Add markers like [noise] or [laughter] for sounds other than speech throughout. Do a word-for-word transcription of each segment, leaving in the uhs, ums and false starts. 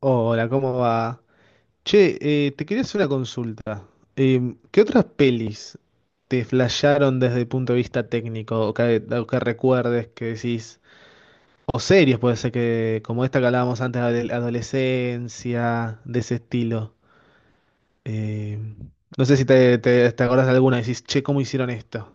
Hola, ¿cómo va? Che, eh, te quería hacer una consulta. Em, ¿qué otras pelis te flasharon desde el punto de vista técnico o que, o que recuerdes que decís? O series, puede ser que, como esta que hablábamos antes, de adolescencia, de ese estilo. Em, no sé si te, te, te acordás de alguna y decís, che, ¿cómo hicieron esto?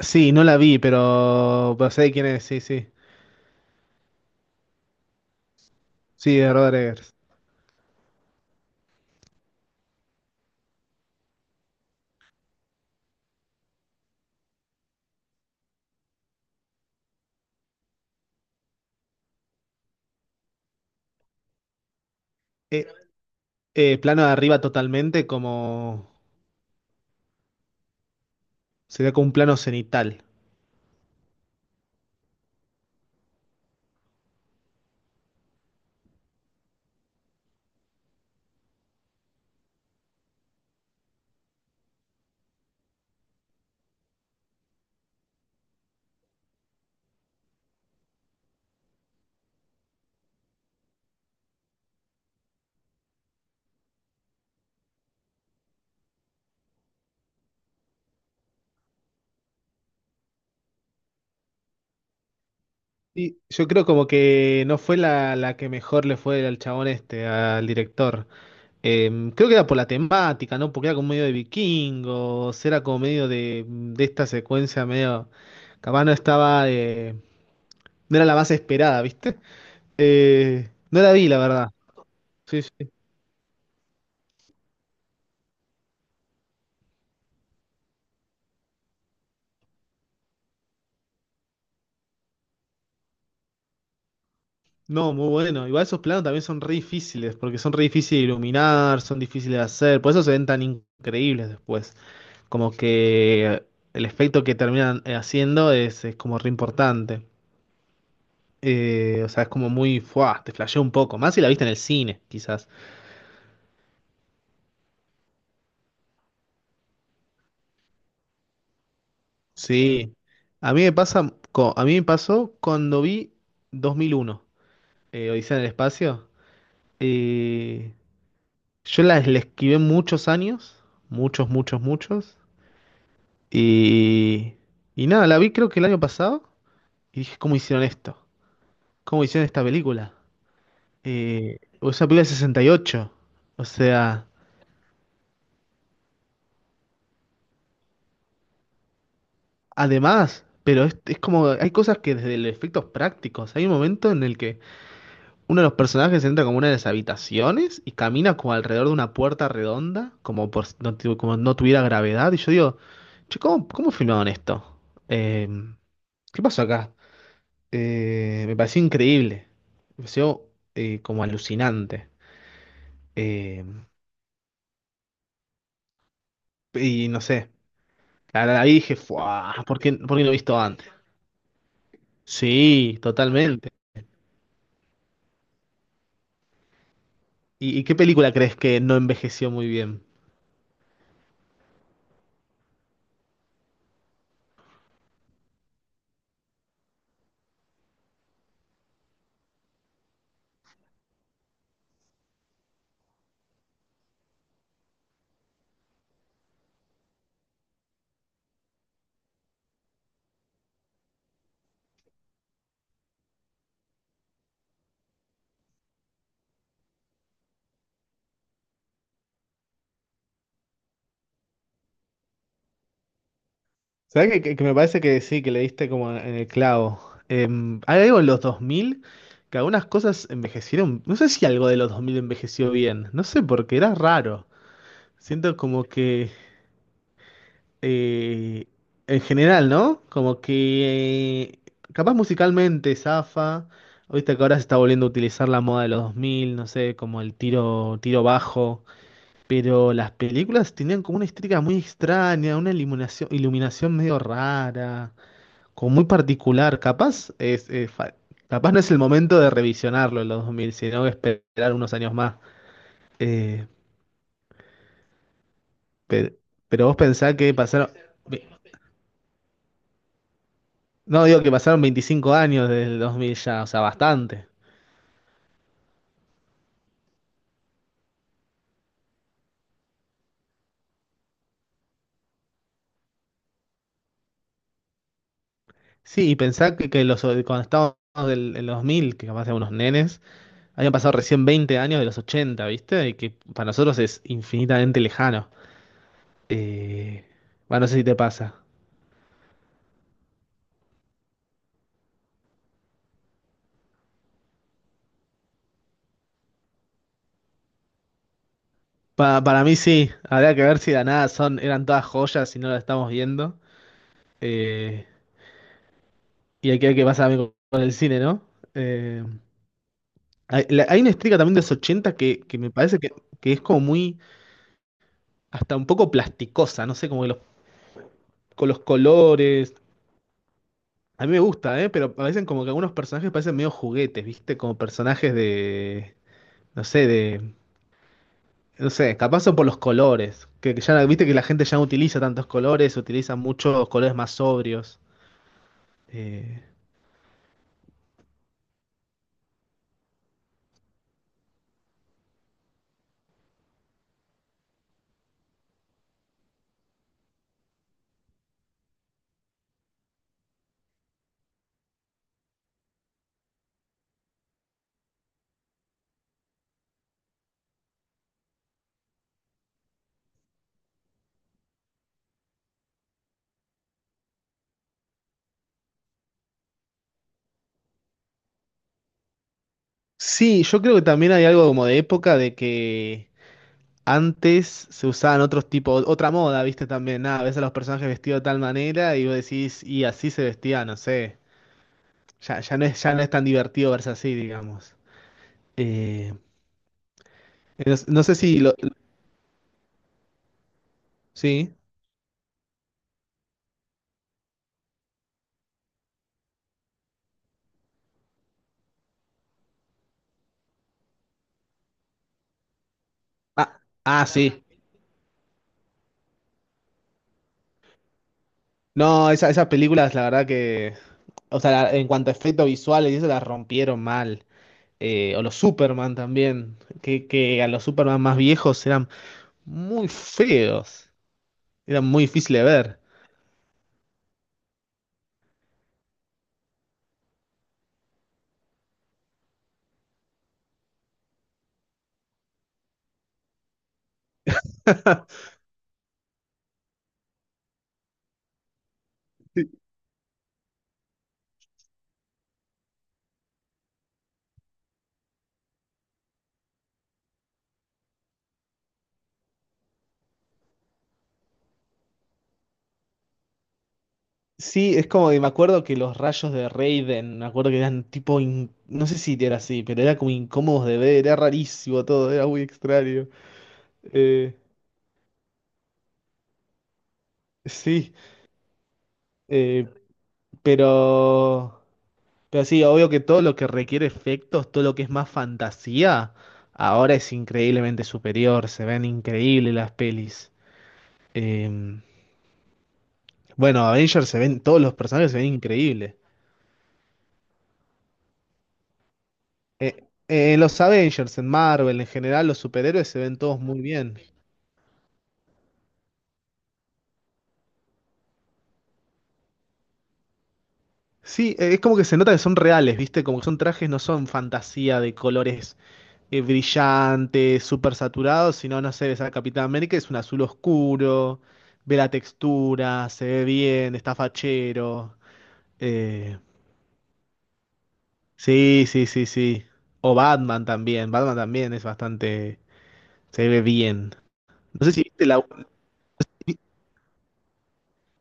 Sí, no la vi, pero, pero sé de quién es, sí, sí. Sí, de Robert Eggers. Eh, eh, plano de arriba totalmente, como sería como un plano cenital. Y yo creo como que no fue la, la que mejor le fue al chabón este, al director. Eh, creo que era por la temática, ¿no? Porque era como medio de vikingos, era como medio de, de esta secuencia medio... Capaz no estaba... eh, no era la más esperada, ¿viste? Eh, no la vi, la verdad. Sí, sí. No, muy bueno. Igual esos planos también son re difíciles, porque son re difíciles de iluminar, son difíciles de hacer, por eso se ven tan increíbles después. Como que el efecto que terminan eh, haciendo es, es como re importante. Eh, o sea, es como muy, fuah, te flasheó un poco, más si la viste en el cine, quizás. Sí. A mí me pasa, co- a mí me pasó cuando vi dos mil uno, eh, Odisea en el espacio. Eh, yo la, la esquivé muchos años, muchos, muchos, muchos. Y, y nada, la vi creo que el año pasado y dije, ¿cómo hicieron esto? ¿Cómo hicieron esta película? Eh, es una película de sesenta y ocho. O sea, además, pero es, es como, hay cosas que desde los efectos prácticos, hay un momento en el que uno de los personajes entra como una de las habitaciones y camina como alrededor de una puerta redonda, como por si no, tu- como no tuviera gravedad. Y yo digo, che, ¿cómo, ¿cómo filmaron esto? Eh, ¿qué pasó acá? Eh, me pareció increíble, me pareció eh, como alucinante. Eh, y no sé, la, la vi y dije, "Fua, ¿por qué, ¿por qué no he visto antes?". Sí, totalmente. ¿Y, y qué película crees que no envejeció muy bien? ¿Sabes que, que- que me parece que sí, que le diste como en el clavo? Em, hay algo en los dos mil que algunas cosas envejecieron. No sé si algo de los dos mil envejeció bien, no sé porque era raro. Siento como que eh, en general, ¿no? Como que eh, capaz musicalmente zafa. Viste que ahora se está volviendo a utilizar la moda de los dos mil, no sé, como el tiro, tiro bajo. Pero las películas tenían como una estética muy extraña, una iluminación, iluminación medio rara, como muy particular. Capaz es, es fa- capaz no es el momento de revisionarlo en los dos mil, sino esperar unos años más. Eh, pe- pero, vos pensás que pasaron... No, digo que pasaron veinticinco años desde el dos mil ya, o sea, bastante. Sí, y pensar que, que los, cuando estábamos del, en los dos mil, que capaz éramos unos nenes, habían pasado recién veinte años de los ochenta, ¿viste? Y que para nosotros es infinitamente lejano. Eh, bueno, no sé si te pasa. Pa- para mí sí, habría que ver si de la nada son, eran todas joyas y no las estamos viendo. Eh, y hay que ver qué pasa también con, con el cine, ¿no? Eh, hay, la- hay una estética también de los ochenta que, que me parece que, que es como muy hasta un poco plasticosa, no sé, como que los, con los colores. A mí me gusta, ¿eh? Pero parecen como que algunos personajes parecen medio juguetes, ¿viste? Como personajes de, no sé, de, no sé, capaz son por los colores, que, que ya, viste que la gente ya no utiliza tantos colores, utiliza muchos colores más sobrios. Eh, sí, yo creo que también hay algo como de época de que antes se usaban otros tipos, otra moda, viste también, nada, ves a los personajes vestidos de tal manera y vos decís, y así se vestía, no sé. Ya, ya no es, ya no es tan divertido verse así, digamos. Eh, no, no sé si lo. Sí. Ah, ah, sí. No, esa, esas películas, la verdad que. O sea, la- en cuanto a efectos visuales, y eso las rompieron mal. Eh, o los Superman también. Que, que a los Superman más viejos eran muy feos. Eran muy difíciles de ver. [laughs] Sí, es como que me acuerdo que los rayos de Raiden, me acuerdo que eran tipo, in- no sé si era así, pero era como incómodos de ver, era rarísimo todo, era muy extraño. Eh, sí, eh, pero, pero sí, obvio que todo lo que requiere efectos, todo lo que es más fantasía, ahora es increíblemente superior, se ven increíbles las pelis. Eh, bueno, Avengers se ven, todos los personajes se ven increíbles. Eh, eh, en los Avengers, en Marvel, en general, los superhéroes se ven todos muy bien. Sí, eh, es como que se nota que son reales, ¿viste? Como que son trajes, no son fantasía de colores eh, brillante, súper saturado, sino, no sé, ves a Capitán América, es un azul oscuro, ve la textura, se ve bien, está fachero. Eh, sí, sí, sí, sí. O Batman también, Batman también es bastante, se ve bien. No sé si viste la...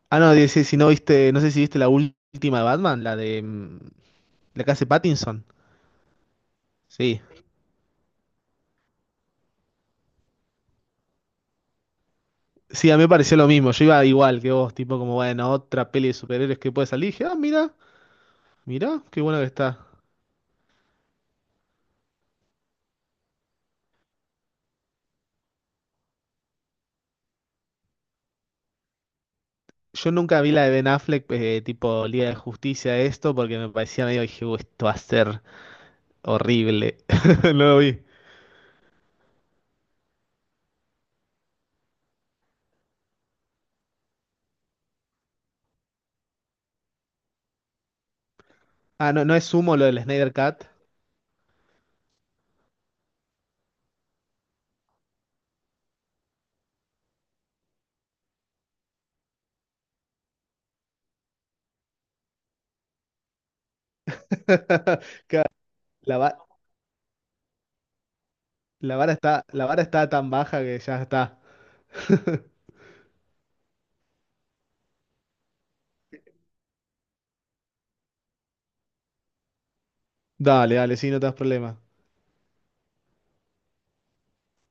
Ah, no, dice, si no viste, no sé si viste la última de Batman, la de... mm, la que hace Pattinson. Sí. Sí, a mí me pareció lo mismo. Yo iba igual que vos, tipo como, bueno, otra peli de superhéroes que puede salir. Y dije, ah, mira, mira, qué bueno que está. Yo nunca vi la de Ben Affleck, eh, tipo Liga de Justicia, esto, porque me parecía medio, dije, "Uh, esto va a ser horrible". [laughs] No lo vi. Ah, no, no es humo lo del Snyder Cut. [laughs] Claro, La, va- la vara está, la vara está tan baja que ya está. [laughs] Dale, dale, sí, no te das problema.